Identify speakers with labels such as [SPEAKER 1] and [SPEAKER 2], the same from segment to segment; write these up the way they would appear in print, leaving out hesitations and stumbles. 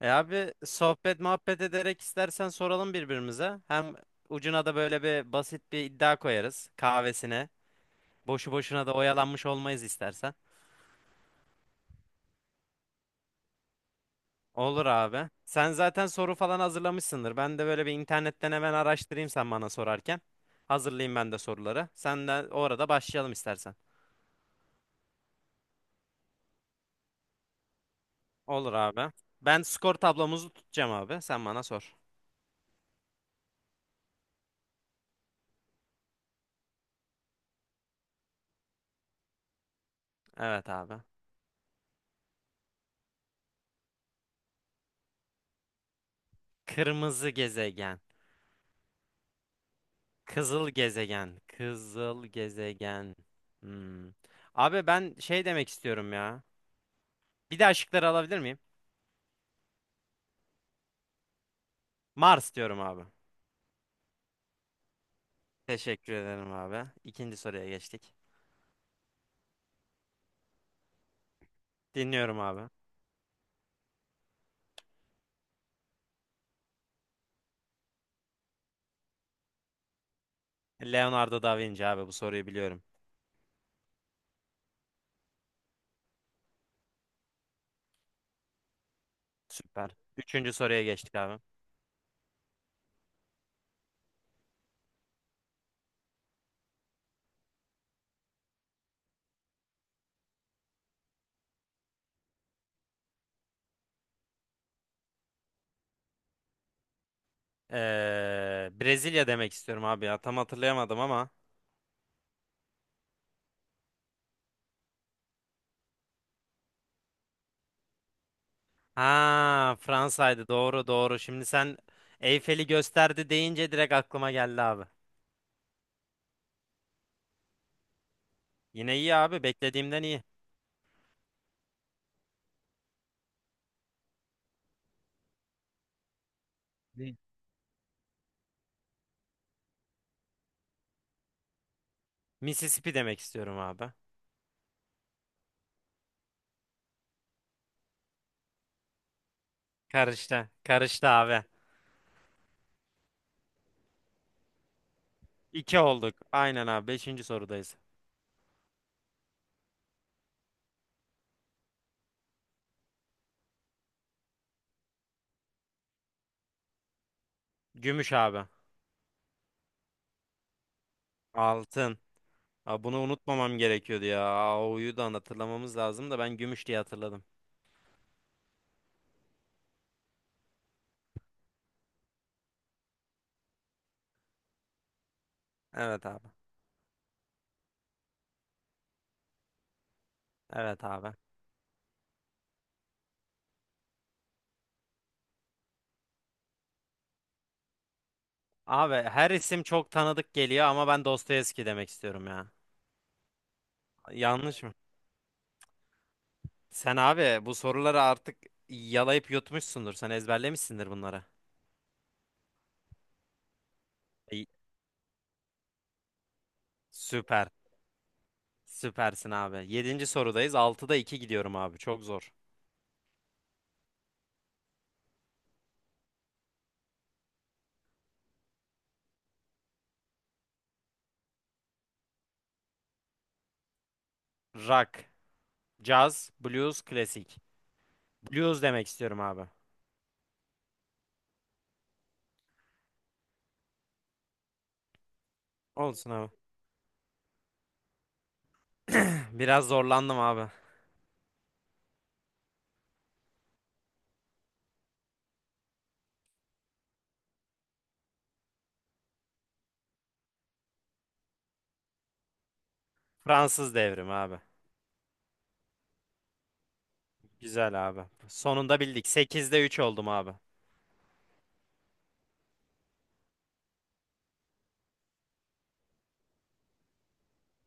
[SPEAKER 1] E abi sohbet muhabbet ederek istersen soralım birbirimize. Hem ucuna da böyle bir basit bir iddia koyarız kahvesine. Boşu boşuna da oyalanmış olmayız istersen. Olur abi. Sen zaten soru falan hazırlamışsındır. Ben de böyle bir internetten hemen araştırayım sen bana sorarken. Hazırlayayım ben de soruları. Sen de orada başlayalım istersen. Olur abi. Ben skor tablomuzu tutacağım abi. Sen bana sor. Evet abi. Kırmızı gezegen. Kızıl gezegen. Kızıl gezegen. Hmm. Abi ben şey demek istiyorum ya. Bir daha şıkları alabilir miyim? Mars diyorum abi. Teşekkür ederim abi. İkinci soruya geçtik. Dinliyorum abi. Leonardo da Vinci abi bu soruyu biliyorum. Süper. Üçüncü soruya geçtik abi. Brezilya demek istiyorum abi ya. Tam hatırlayamadım ama. Ha Fransa'ydı doğru doğru. Şimdi sen Eyfel'i gösterdi deyince direkt aklıma geldi abi. Yine iyi abi beklediğimden iyi. Mississippi demek istiyorum abi. Karıştı. Karıştı abi. İki olduk. Aynen abi. Beşinci sorudayız. Gümüş abi. Altın. Aa, bunu unutmamam gerekiyordu ya. O'yu da hatırlamamız lazım da ben gümüş diye hatırladım. Evet abi. Evet abi. Abi her isim çok tanıdık geliyor ama ben Dostoyevski demek istiyorum ya. Yanlış mı? Sen abi bu soruları artık yalayıp yutmuşsundur. Sen ezberlemişsindir bunları. İyi. Süper. Süpersin abi. Yedinci sorudayız. Altıda iki gidiyorum abi. Çok zor. Rock, caz, blues, klasik. Blues demek istiyorum abi. Olsun abi. Biraz zorlandım abi. Fransız devrimi abi. Güzel abi. Sonunda bildik. Sekizde üç oldum abi.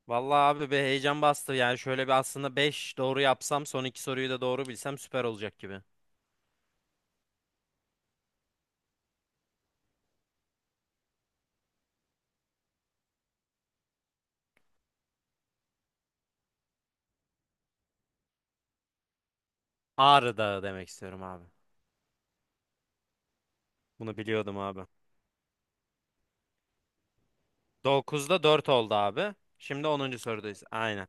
[SPEAKER 1] Vallahi abi bir heyecan bastı. Yani şöyle bir aslında 5 doğru yapsam son iki soruyu da doğru bilsem süper olacak gibi. Ağrı Dağı demek istiyorum abi. Bunu biliyordum abi. Dokuzda 4 oldu abi. Şimdi onuncu sorudayız. Aynen.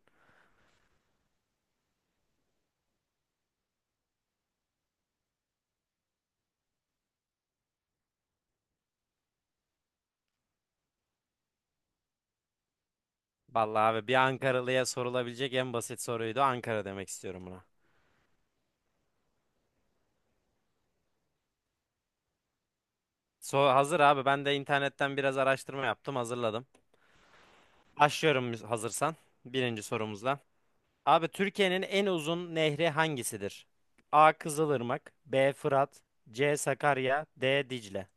[SPEAKER 1] Vallahi abi bir Ankaralıya sorulabilecek en basit soruydu. Ankara demek istiyorum buna. So hazır abi ben de internetten biraz araştırma yaptım hazırladım. Başlıyorum hazırsan birinci sorumuzla. Abi Türkiye'nin en uzun nehri hangisidir? A. Kızılırmak B. Fırat C. Sakarya D. Dicle.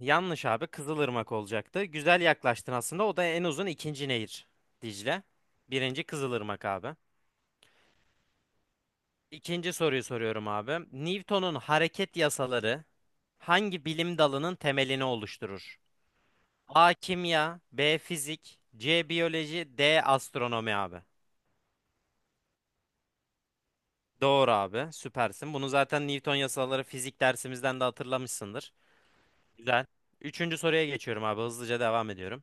[SPEAKER 1] Yanlış abi Kızılırmak olacaktı. Güzel yaklaştın aslında o da en uzun ikinci nehir Dicle. Birinci Kızılırmak abi. İkinci soruyu soruyorum abi. Newton'un hareket yasaları hangi bilim dalının temelini oluşturur? A kimya, B fizik, C biyoloji, D astronomi abi. Doğru abi, süpersin. Bunu zaten Newton yasaları fizik dersimizden de hatırlamışsındır. Güzel. Üçüncü soruya geçiyorum abi, hızlıca devam ediyorum.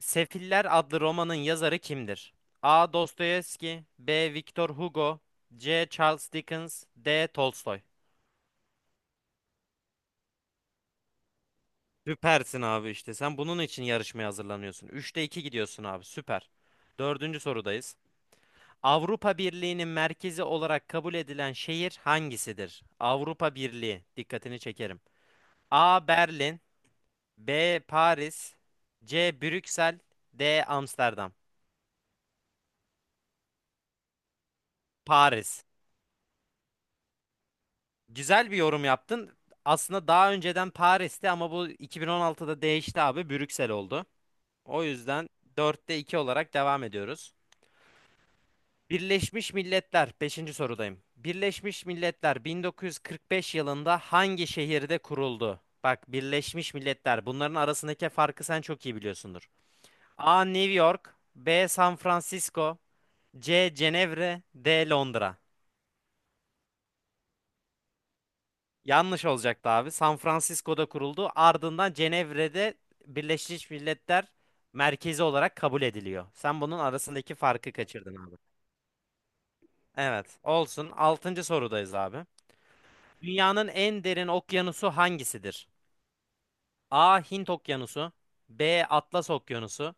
[SPEAKER 1] Sefiller adlı romanın yazarı kimdir? A. Dostoyevski, B. Victor Hugo, C. Charles Dickens, D. Tolstoy. Süpersin abi işte. Sen bunun için yarışmaya hazırlanıyorsun. Üçte 2 gidiyorsun abi. Süper. Dördüncü sorudayız. Avrupa Birliği'nin merkezi olarak kabul edilen şehir hangisidir? Avrupa Birliği. Dikkatini çekerim. A. Berlin, B. Paris, C. Brüksel, D. Amsterdam. Paris. Güzel bir yorum yaptın. Aslında daha önceden Paris'ti ama bu 2016'da değişti abi. Brüksel oldu. O yüzden dörtte 2 olarak devam ediyoruz. Birleşmiş Milletler, beşinci sorudayım. Birleşmiş Milletler 1945 yılında hangi şehirde kuruldu? Bak Birleşmiş Milletler bunların arasındaki farkı sen çok iyi biliyorsundur. A. New York, B. San Francisco, C. Cenevre, D. Londra. Yanlış olacaktı abi. San Francisco'da kuruldu. Ardından Cenevre'de Birleşmiş Milletler merkezi olarak kabul ediliyor. Sen bunun arasındaki farkı kaçırdın abi. Evet, olsun. Altıncı sorudayız abi. Dünyanın en derin okyanusu hangisidir? A. Hint Okyanusu B. Atlas Okyanusu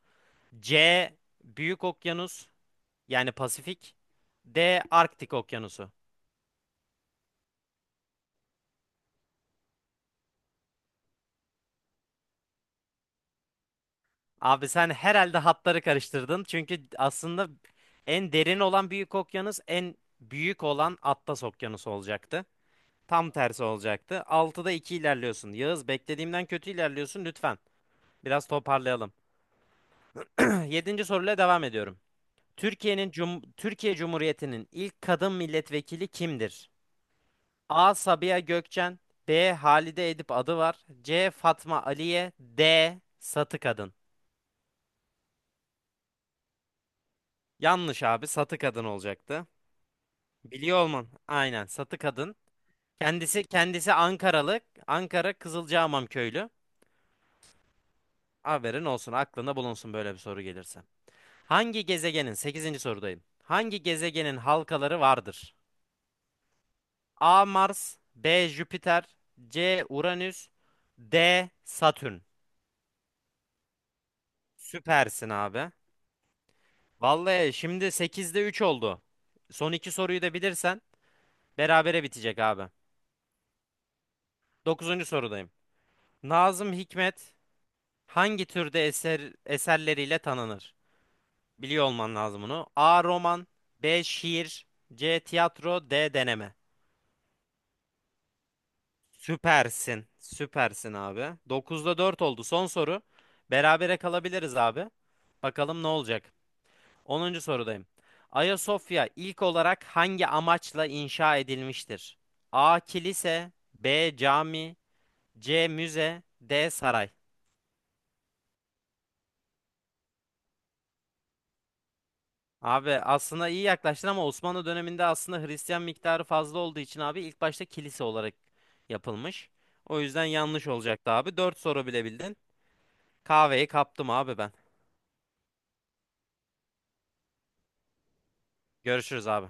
[SPEAKER 1] C. Büyük Okyanus yani Pasifik D. Arktik Okyanusu. Abi sen herhalde hatları karıştırdın. Çünkü aslında en derin olan Büyük Okyanus en büyük olan Atlas Okyanusu olacaktı. Tam tersi olacaktı. Altıda 2 ilerliyorsun. Yağız beklediğimden kötü ilerliyorsun lütfen. Biraz toparlayalım. Yedinci soruyla devam ediyorum. Türkiye Cumhuriyeti'nin ilk kadın milletvekili kimdir? A. Sabiha Gökçen, B. Halide Edip Adıvar, C. Fatma Aliye, D. Satı Kadın. Yanlış abi, Satı Kadın olacaktı. Biliyor olman. Aynen, Satı Kadın. Kendisi Ankaralı, Ankara Kızılcahamam köylü. Haberin olsun, aklında bulunsun böyle bir soru gelirse. Hangi gezegenin sekizinci sorudayım. Hangi gezegenin halkaları vardır? A. Mars B. Jüpiter C. Uranüs D. Satürn. Süpersin abi. Vallahi şimdi sekizde 3 oldu. Son iki soruyu da bilirsen berabere bitecek abi. Dokuzuncu sorudayım. Nazım Hikmet hangi türde eserleriyle tanınır? Biliyor olman lazım bunu. A. Roman B. Şiir C. Tiyatro D. Deneme. Süpersin. Süpersin abi. Dokuzda 4 oldu. Son soru. Berabere kalabiliriz abi. Bakalım ne olacak. Onuncu sorudayım. Ayasofya ilk olarak hangi amaçla inşa edilmiştir? A. Kilise B. Cami C. Müze D. Saray. Abi aslında iyi yaklaştın ama Osmanlı döneminde aslında Hristiyan miktarı fazla olduğu için abi ilk başta kilise olarak yapılmış. O yüzden yanlış olacaktı abi. 4 soru bile bildin. Kahveyi kaptım abi ben. Görüşürüz abi.